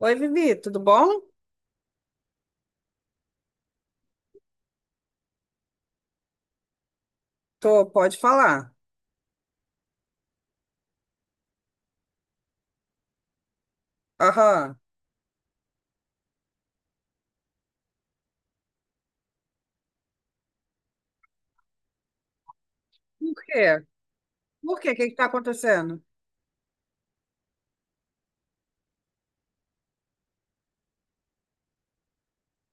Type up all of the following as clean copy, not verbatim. Oi, Vivi, tudo bom? Tô, pode falar. Aham. Por quê? Por quê? O que que tá acontecendo?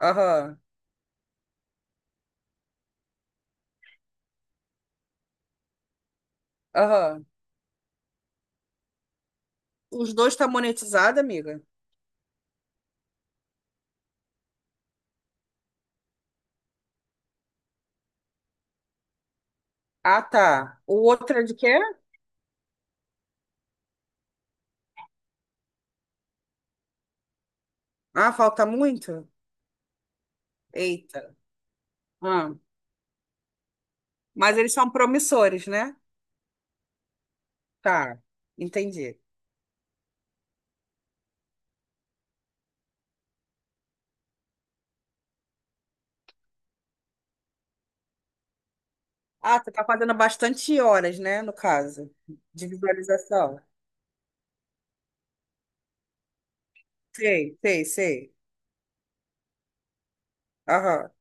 Aham, aham. Os dois tá monetizado, amiga? Ah, tá. O outro é de quê? Ah, falta muito? Eita. Ah. Mas eles são promissores, né? Tá, entendi. Ah, tu tá fazendo bastante horas, né, no caso, de visualização. Sei, sei, sei. Aham.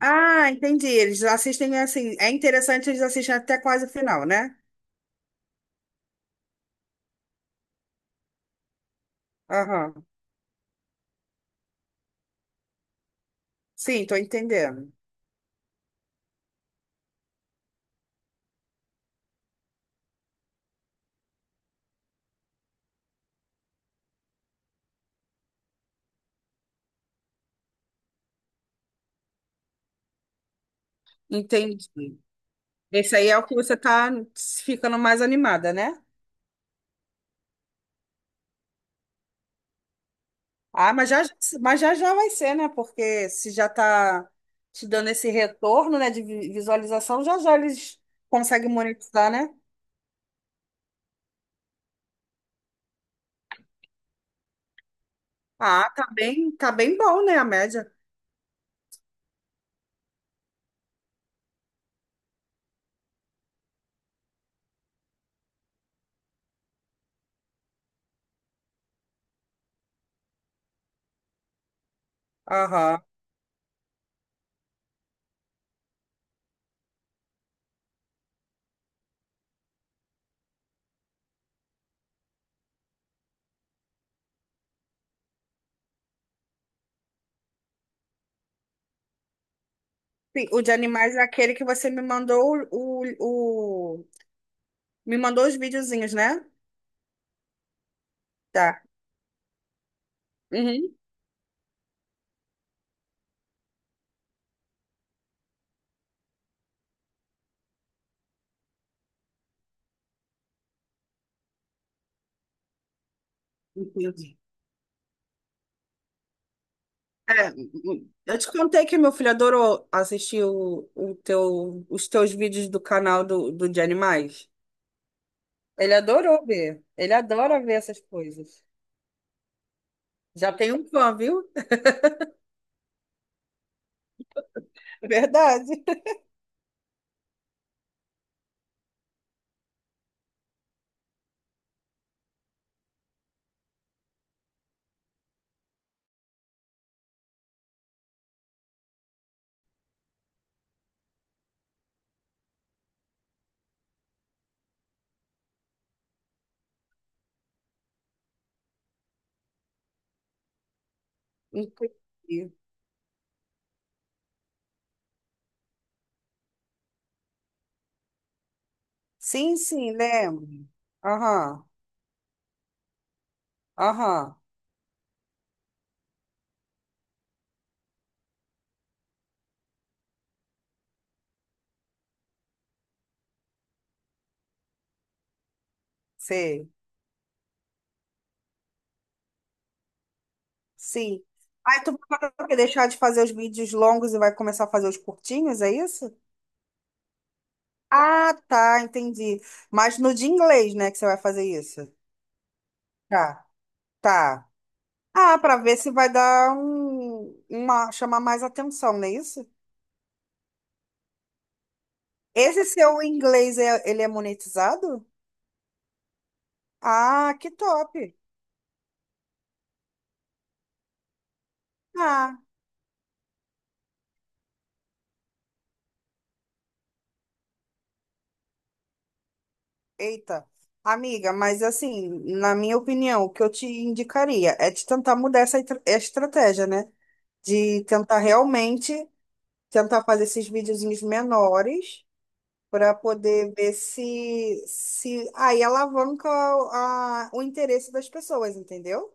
Ah, entendi. Eles assistem assim. É interessante, eles assistem até quase o final, né? Aham. Sim, tô entendendo. Entendi. Esse aí é o que você tá ficando mais animada, né? Ah, mas já já vai ser, né? Porque se já tá te dando esse retorno, né, de visualização, já já eles conseguem monetizar, né? Ah, tá bem bom, né, a média. Aham. Sim, o de animais é aquele que você me mandou me mandou os videozinhos, né? Tá. Uhum. Entendi. É, eu te contei que meu filho adorou assistir os teus vídeos do canal do, do de animais. Ele adorou ver. Ele adora ver essas coisas. Já tem um fã, viu? Verdade. Inclusive. Sim, sim, lembro. Aham, aham, sei. Sim. Aí tu vai deixar de fazer os vídeos longos e vai começar a fazer os curtinhos, é isso? Ah, tá, entendi. Mas no de inglês, né, que você vai fazer isso? Tá, tá. Ah, para ver se vai dar um, uma, chamar mais atenção, não é isso? Esse seu inglês, ele é monetizado? Ah, que top. Ah, eita. Amiga, mas assim, na minha opinião, o que eu te indicaria é de tentar mudar essa estratégia, né? De tentar realmente tentar fazer esses videozinhos menores para poder ver se, se aí alavanca o interesse das pessoas, entendeu?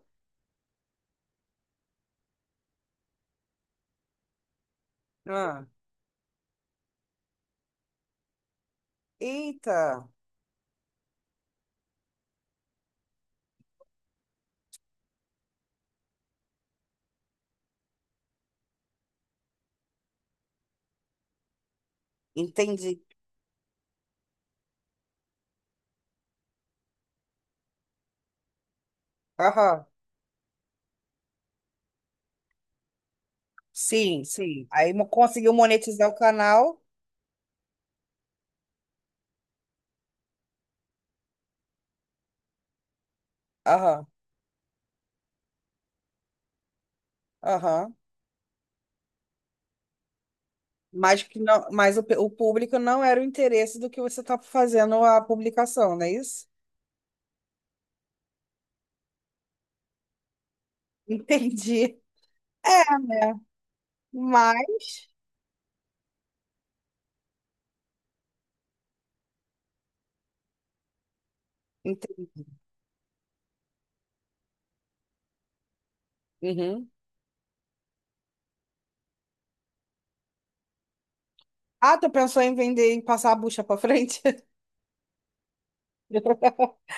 Ah. Eita. Entendi. Aham. Sim, sim. Aí conseguiu monetizar o canal. Aham, aham. Mas que não, mas o público não era o interesse do que você tá fazendo a publicação, não é isso? Entendi. É, né? Mas. Ente- Uhum. Ah, tu pensou em vender e passar a bucha pra frente?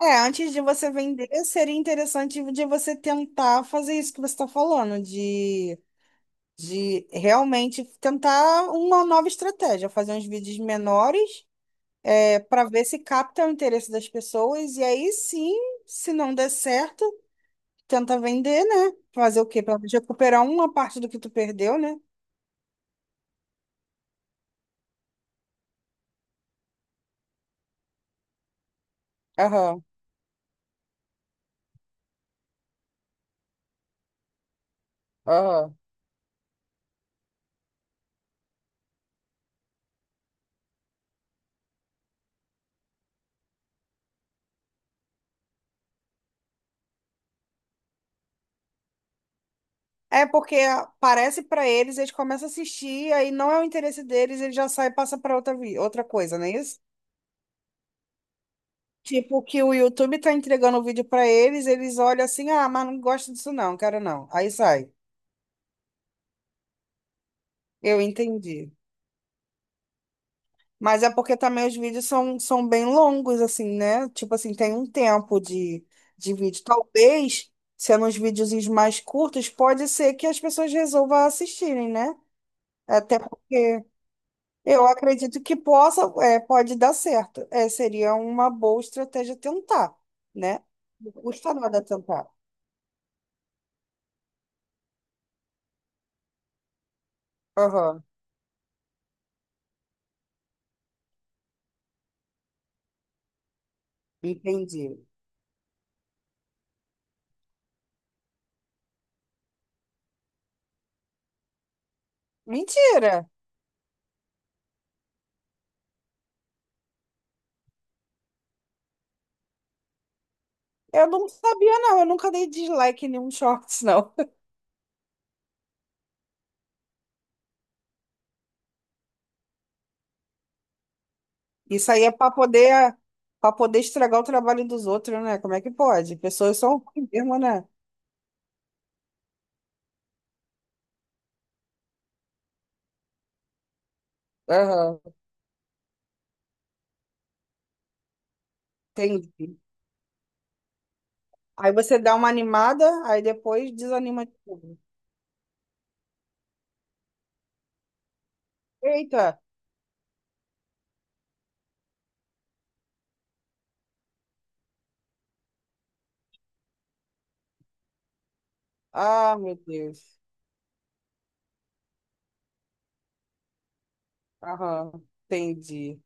É, antes de você vender, seria interessante de você tentar fazer isso que você está falando, de realmente tentar uma nova estratégia, fazer uns vídeos menores, é, para ver se capta o interesse das pessoas e aí sim, se não der certo, tenta vender, né? Fazer o quê? Para recuperar uma parte do que tu perdeu, né? Aham, aham. É porque parece para eles, eles começam a assistir, aí não é o interesse deles, ele já sai e passa para outra, outra coisa, não é isso? Tipo, que o YouTube tá entregando o vídeo para eles, eles olham assim, ah, mas não gosto disso não, quero não. Aí sai. Eu entendi. Mas é porque também os vídeos são, são bem longos, assim, né? Tipo assim, tem um tempo de vídeo. Talvez, sendo uns videozinhos mais curtos, pode ser que as pessoas resolvam assistirem, né? Até porque eu acredito que possa, é, pode dar certo. É, seria uma boa estratégia tentar, né? Não custa nada tentar. Aham, entendi. Mentira! Eu não sabia, não. Eu nunca dei dislike em nenhum shorts, não. Isso aí é para poder estragar o trabalho dos outros, né? Como é que pode? Pessoas são ruins mesmo, né? Aham, entendi. Aí você dá uma animada, aí depois desanima de novo. Eita! Ah, meu Deus. Aham, entendi.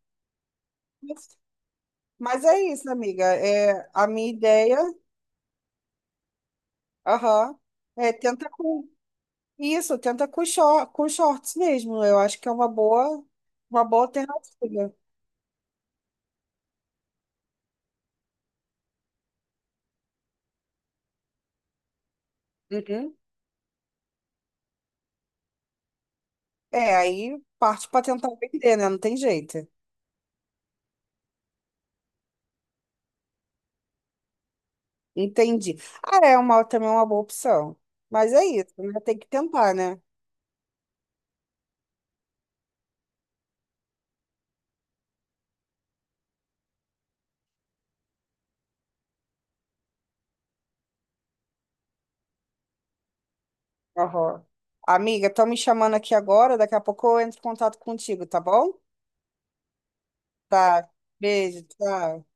Mas mas é isso, amiga. É, a minha ideia, aham, é tenta com isso, tenta com, com shorts mesmo. Eu acho que é uma boa alternativa. Uhum. É, aí parte para tentar vender, né? Não tem jeito. Entendi. Ah, é uma, também é uma boa opção. Mas é isso, né? Tem que tentar, né? Aham. Amiga, estão me chamando aqui agora, daqui a pouco eu entro em contato contigo, tá bom? Tá. Beijo, tchau.